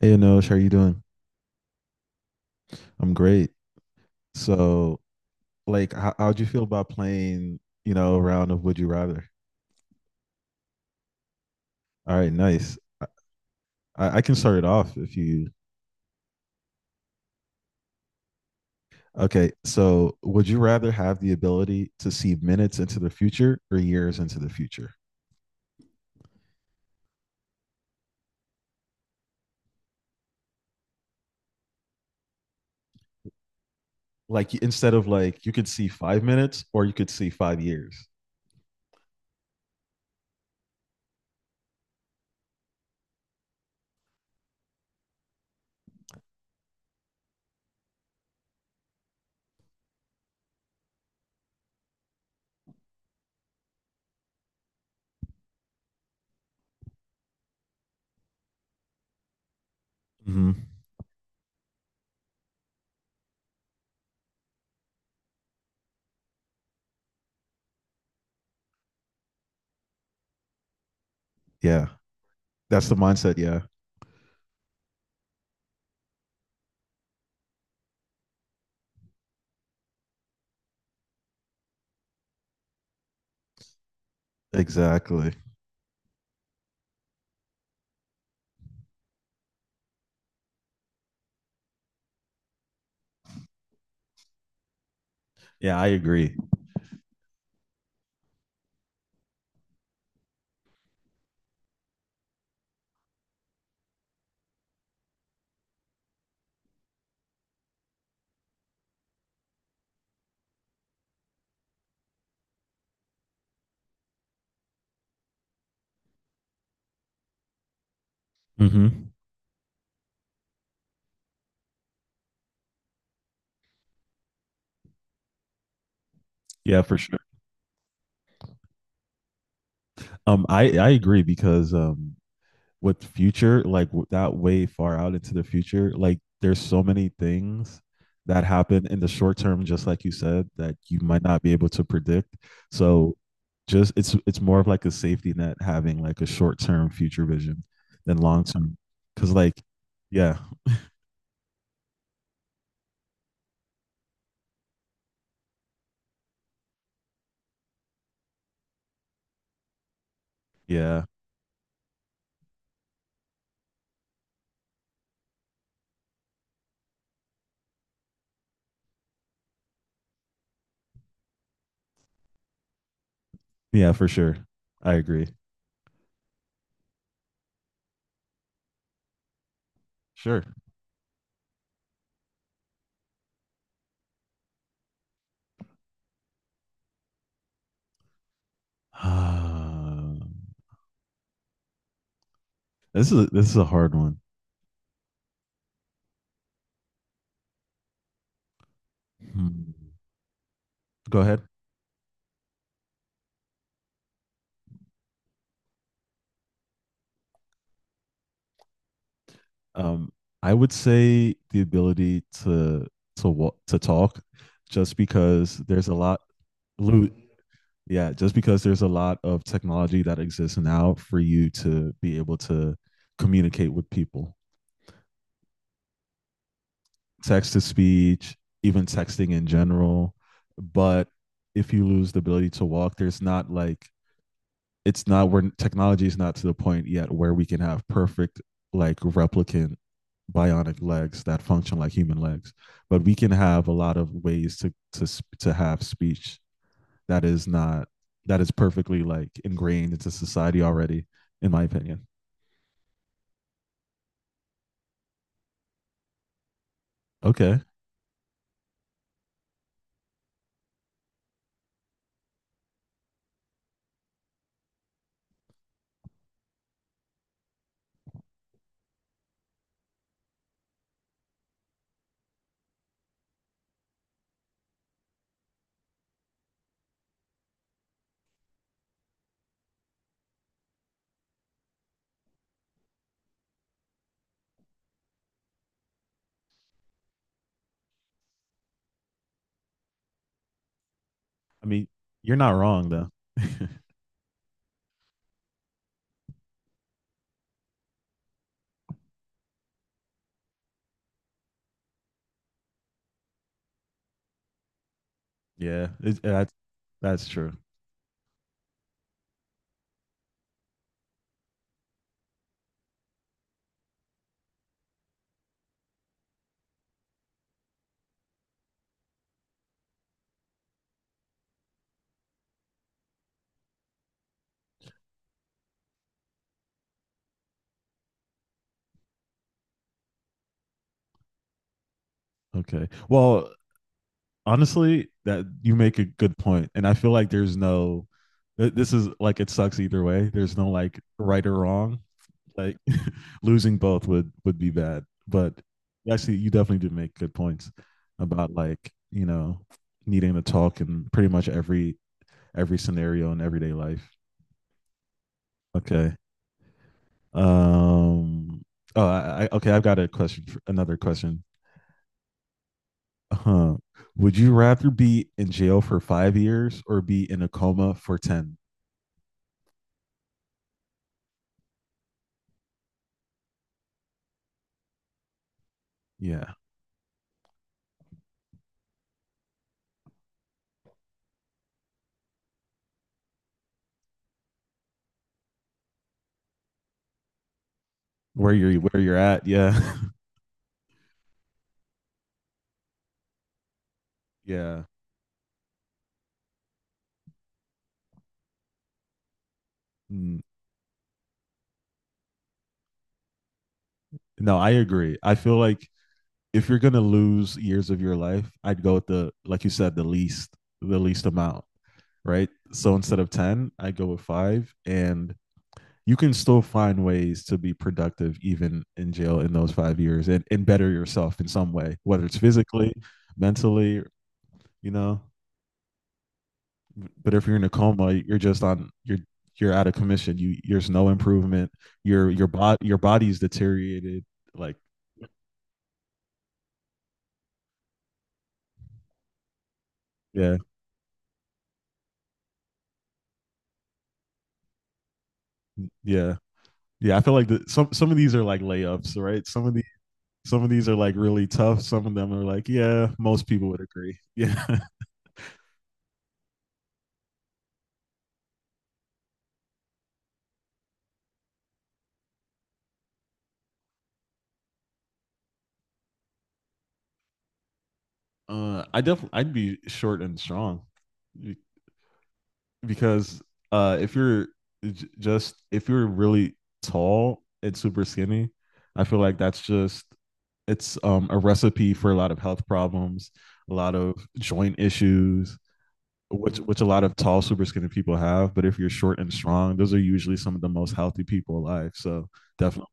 Hey, Anosh, how are you doing? I'm great. So, how'd you feel about playing, a round of Would You Rather? All right, nice. I can start it off if you. Okay, so would you rather have the ability to see minutes into the future or years into the future? Like, you could see 5 minutes or you could see 5 years. hmm Yeah, that's the mindset. Yeah, exactly. Yeah, I agree. hmm Yeah, for sure. I agree because with future like that way far out into the future, like there's so many things that happen in the short term, just like you said, that you might not be able to predict. So just it's more of like a safety net having like a short term future vision than long term. Because like yeah yeah yeah, for sure, I agree. Sure. Uh, this is a hard one. Hmm. Go ahead. Um, I would say the ability to to talk, just because there's a lot. Loot. Yeah, just because there's a lot of technology that exists now for you to be able to communicate with people, text to speech, even texting in general. But if you lose the ability to walk, there's not like it's not where, technology is not to the point yet where we can have perfect like replicant bionic legs that function like human legs, but we can have a lot of ways to to have speech that is not that is perfectly like ingrained into society already, in my opinion. Okay. I mean, you're not wrong though. Yeah, that's true. Okay, well, honestly, that you make a good point, and I feel like there's no. This is like, it sucks either way. There's no like right or wrong. Like losing both would be bad. But actually, you definitely did make good points about, like, you know, needing to talk in pretty much every scenario in everyday life. Okay. Um. Oh, I okay. I've got a question. Another question. Huh. Would you rather be in jail for 5 years or be in a coma for ten? Yeah. Where you're at. Yeah. Yeah. Mm. No, I agree. I feel like if you're gonna lose years of your life, I'd go with the, like you said, the least, the least amount, right? So instead of ten, I go with five. And you can still find ways to be productive even in jail in those 5 years and better yourself in some way, whether it's physically, mentally, you know. But if you're in a coma, you're just on you're out of commission. You There's no improvement. Your body's deteriorated. Like, yeah, yeah, yeah. I feel like some of these are like layups, right? Some of these are like really tough. Some of them are like, yeah, most people would agree. Yeah. I definitely, I'd be short and strong because if you're j- just if you're really tall and super skinny, I feel like that's just it's a recipe for a lot of health problems, a lot of joint issues, which a lot of tall, super skinny people have. But if you're short and strong, those are usually some of the most healthy people alive. So definitely.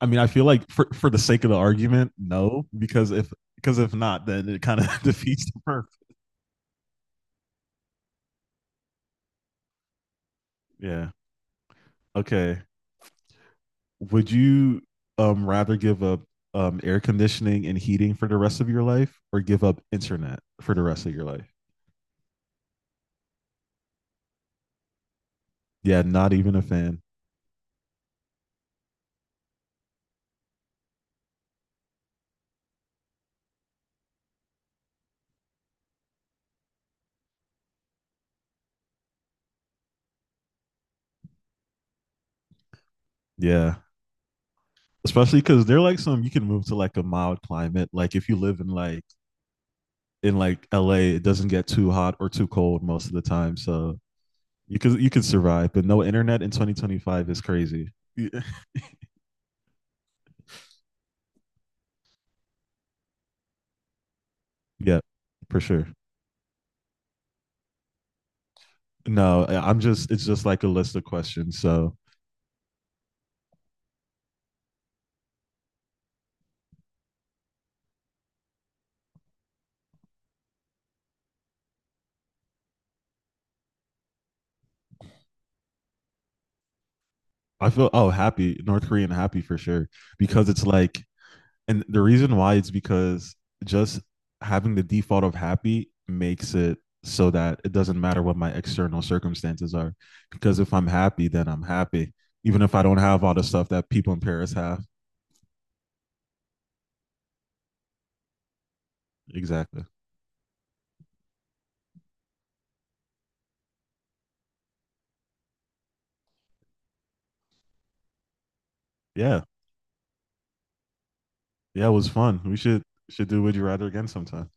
I mean, I feel like for the sake of the argument, no, because if not, then it kind of defeats the purpose. Yeah. Okay. Would you rather give up air conditioning and heating for the rest of your life or give up internet for the rest of your life? Yeah, not even a fan. Yeah. Especially because they're like, some you can move to like a mild climate. Like if you live in in like LA, it doesn't get too hot or too cold most of the time. So you could survive, but no internet in 2025 is crazy. Yeah, yeah, for sure. No, I'm just, it's just like a list of questions. So I feel, oh, happy, North Korean happy for sure, because it's like and the reason why it's because just having the default of happy makes it so that it doesn't matter what my external circumstances are, because if I'm happy then I'm happy, even if I don't have all the stuff that people in Paris have. Exactly. Yeah, yeah, it was fun, we should do Would You Rather again sometime.